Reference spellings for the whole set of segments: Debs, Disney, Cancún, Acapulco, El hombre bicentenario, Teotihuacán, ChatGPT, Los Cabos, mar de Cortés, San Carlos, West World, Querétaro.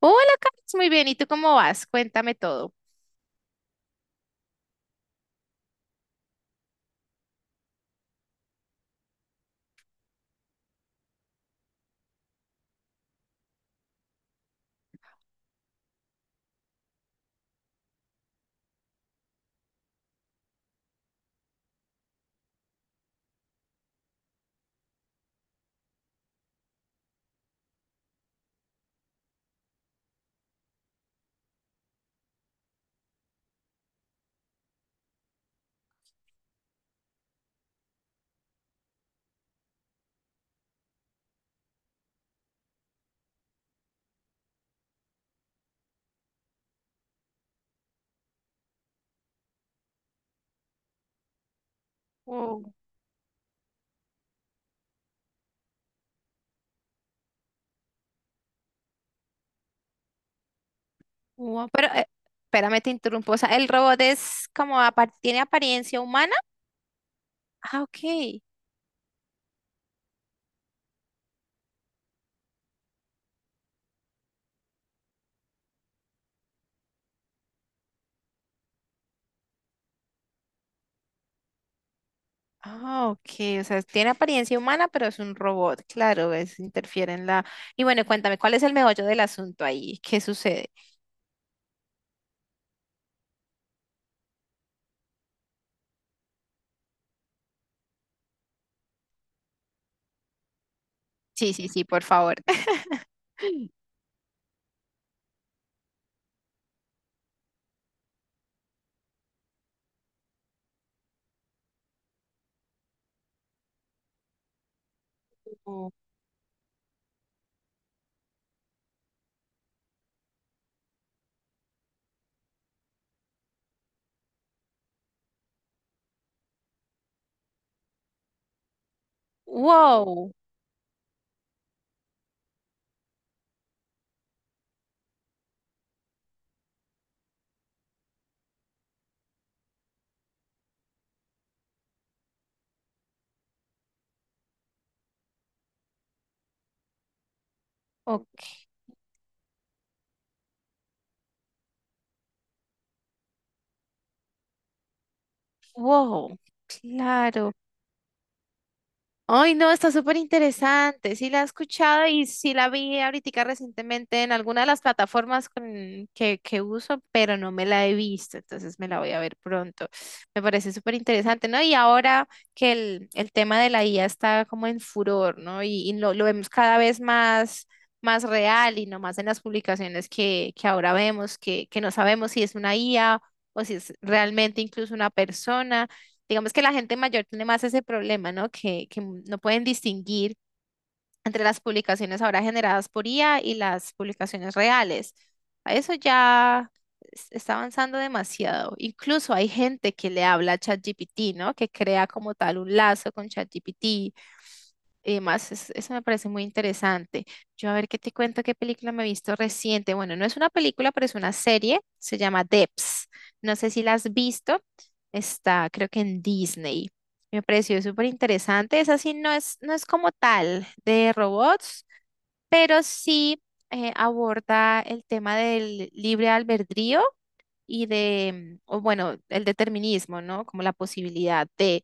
Hola, Carlos, muy bien. ¿Y tú cómo vas? Cuéntame todo. Wow, wow. Pero, espérame, te interrumpo. O sea, el robot es como, ¿tiene apariencia humana? Ah, ok. Ah, ok. O sea, tiene apariencia humana, pero es un robot. Claro, es, interfiere en la... Y bueno, cuéntame, ¿cuál es el meollo del asunto ahí? ¿Qué sucede? Sí, sí, sí, por favor. Wow. Wow. Ok. Wow. Claro. Ay, no, está súper interesante. Sí la he escuchado y sí la vi ahorita recientemente en alguna de las plataformas que uso, pero no me la he visto, entonces me la voy a ver pronto. Me parece súper interesante, ¿no? Y ahora que el tema de la IA está como en furor, ¿no? Y lo vemos cada vez más, más real y no más en las publicaciones que ahora vemos, que no sabemos si es una IA o si es realmente incluso una persona. Digamos que la gente mayor tiene más ese problema, ¿no? Que no pueden distinguir entre las publicaciones ahora generadas por IA y las publicaciones reales. A Eso ya es- está avanzando demasiado. Incluso hay gente que le habla a ChatGPT, ¿no? Que crea como tal un lazo con ChatGPT y demás, eso me parece muy interesante. Yo a ver qué te cuento, qué película me he visto reciente. Bueno, no es una película, pero es una serie. Se llama Debs. No sé si la has visto. Está, creo que en Disney. Me pareció súper interesante. Esa sí no es, no es como tal de robots, pero sí aborda el tema del libre albedrío y de, o bueno, el determinismo, ¿no? Como la posibilidad de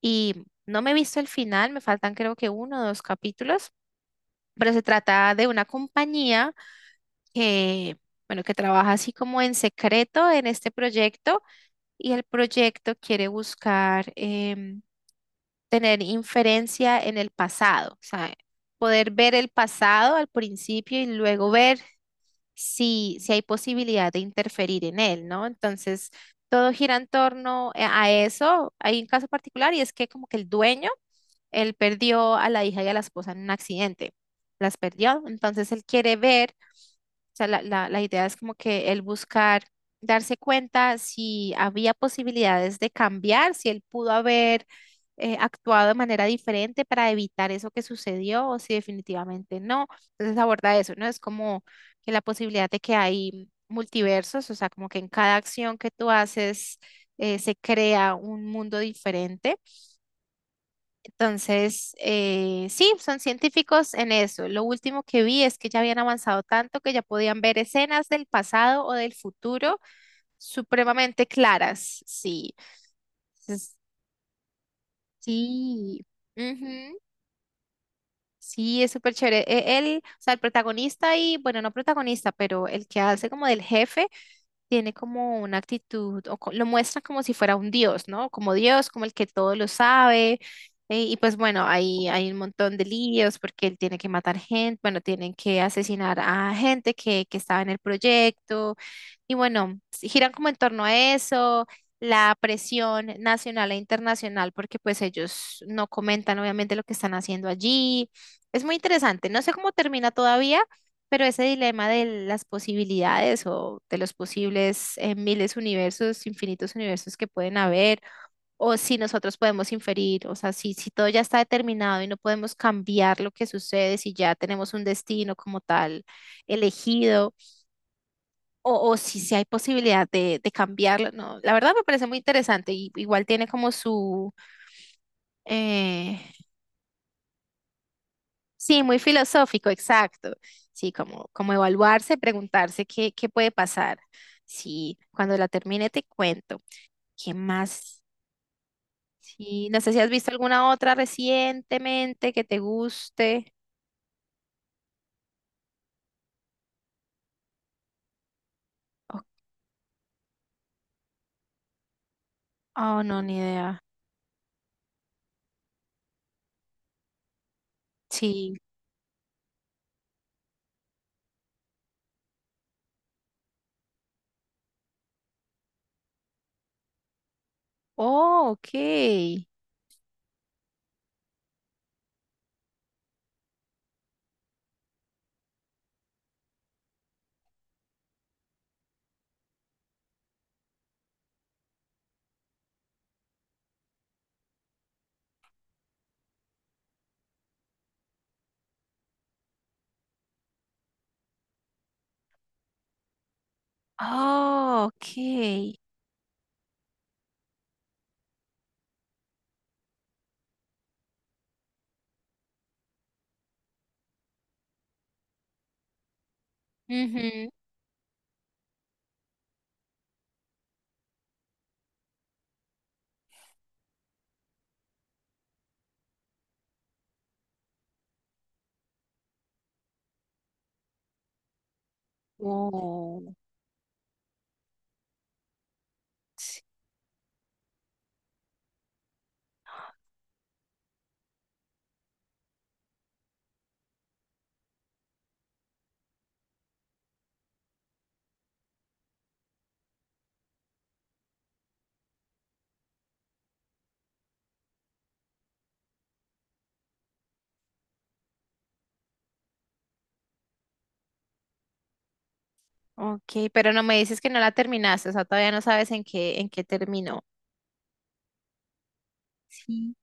y no me he visto el final, me faltan creo que uno o dos capítulos, pero se trata de una compañía que, bueno, que trabaja así como en secreto en este proyecto y el proyecto quiere buscar tener inferencia en el pasado, o sea, poder ver el pasado al principio y luego ver si, si hay posibilidad de interferir en él, ¿no? Entonces, todo gira en torno a eso. Hay un caso particular y es que como que el dueño, él perdió a la hija y a la esposa en un accidente, las perdió, entonces él quiere ver sea, la idea es como que él buscar darse cuenta si había posibilidades de cambiar, si él pudo haber actuado de manera diferente para evitar eso que sucedió o si definitivamente no. Entonces aborda eso, ¿no? Es como que la posibilidad de que hay multiversos, o sea, como que en cada acción que tú haces se crea un mundo diferente. Entonces, sí, son científicos en eso. Lo último que vi es que ya habían avanzado tanto que ya podían ver escenas del pasado o del futuro supremamente claras. Sí. Entonces, sí. Ujú. Sí, es súper chévere. Él, o sea, el protagonista y, bueno, no protagonista, pero el que hace como del jefe, tiene como una actitud, o lo muestra como si fuera un dios, ¿no? Como Dios, como el que todo lo sabe. Y, pues bueno, hay un montón de líos porque él tiene que matar gente, bueno, tienen que asesinar a gente que estaba en el proyecto. Y bueno, giran como en torno a eso, la presión nacional e internacional, porque pues ellos no comentan obviamente lo que están haciendo allí. Es muy interesante. No sé cómo termina todavía, pero ese dilema de las posibilidades o de los posibles miles universos, infinitos universos que pueden haber, o si nosotros podemos inferir, o sea, si, si todo ya está determinado y no podemos cambiar lo que sucede, si ya tenemos un destino como tal elegido, o si, si hay posibilidad de cambiarlo, no, la verdad me parece muy interesante y igual tiene como su... eh, Sí, muy filosófico, exacto. Sí, como, como evaluarse, preguntarse qué, qué puede pasar. Sí, cuando la termine te cuento. ¿Qué más? Sí, no sé si has visto alguna otra recientemente que te guste. Oh, oh, no, ni idea. Sí. Oh, ok. Oh, ok. Ujú. Oh, sí, ok, pero no me dices que no la terminaste, o sea, todavía no sabes en qué terminó. Sí.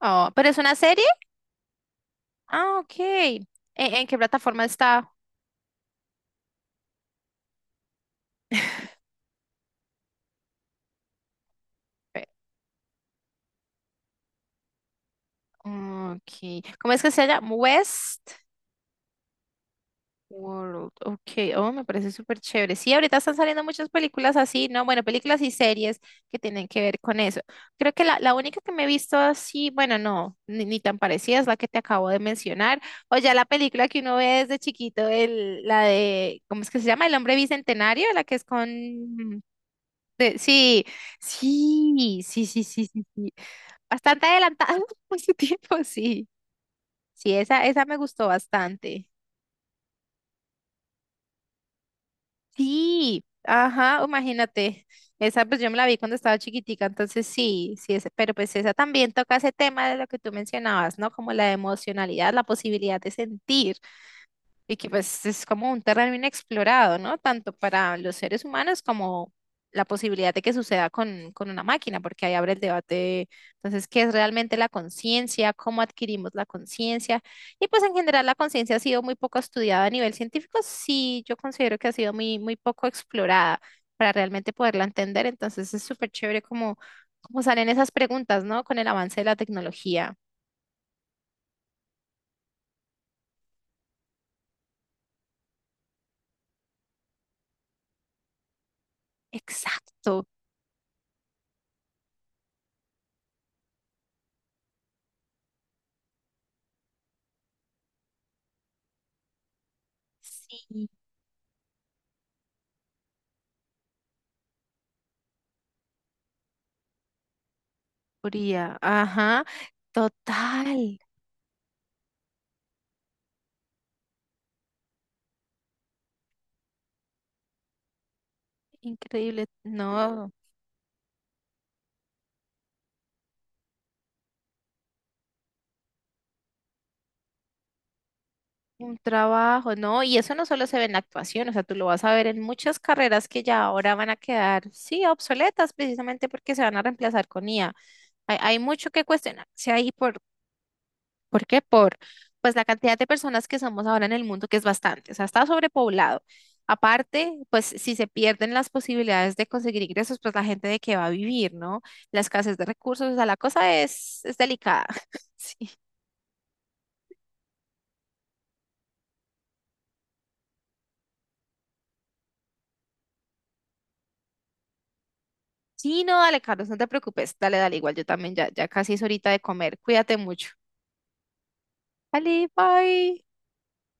Oh, ¿pero es una serie? Ah, ok. En qué plataforma está? Eh, Ok. ¿Cómo es que se llama? West World. Ok. Oh, me parece súper chévere. Sí, ahorita están saliendo muchas películas así, ¿no? Bueno, películas y series que tienen que ver con eso. Creo que la única que me he visto así, bueno, no, ni, ni tan parecida es la que te acabo de mencionar. O ya la película que uno ve desde chiquito, el, la de, ¿cómo es que se llama? El hombre bicentenario, la que es con... sí, sí, sí, sí, sí, sí. Sí. Bastante adelantada por su tiempo, sí. Sí, esa me gustó bastante. Sí, ajá, imagínate. Esa pues yo me la vi cuando estaba chiquitica, entonces sí, sí, pero pues esa también toca ese tema de lo que tú mencionabas, ¿no? Como la emocionalidad, la posibilidad de sentir. Y que pues es como un terreno inexplorado, ¿no? Tanto para los seres humanos como la posibilidad de que suceda con una máquina, porque ahí abre el debate, entonces, ¿qué es realmente la conciencia? ¿Cómo adquirimos la conciencia? Y pues en general la conciencia ha sido muy poco estudiada a nivel científico, sí, yo considero que ha sido muy, muy poco explorada para realmente poderla entender, entonces es súper chévere como, como salen esas preguntas, ¿no? Con el avance de la tecnología. Exacto, sí. Fría. Ajá, total. Increíble. No, un trabajo, no. Y eso no solo se ve en la actuación, o sea, tú lo vas a ver en muchas carreras que ya ahora van a quedar, sí, obsoletas precisamente porque se van a reemplazar con IA. Hay, hay mucho que cuestionarse ahí por ¿Por qué? Por pues la cantidad de personas que somos ahora en el mundo, que es bastante, o sea, está sobrepoblado. Aparte, pues si se pierden las posibilidades de conseguir ingresos, pues la gente de qué va a vivir, ¿no? La escasez de recursos, o sea, la cosa es delicada. Sí. Sí, no, dale, Carlos, no te preocupes. Dale, dale, igual yo también ya, ya casi es horita de comer. Cuídate mucho. Dale, bye.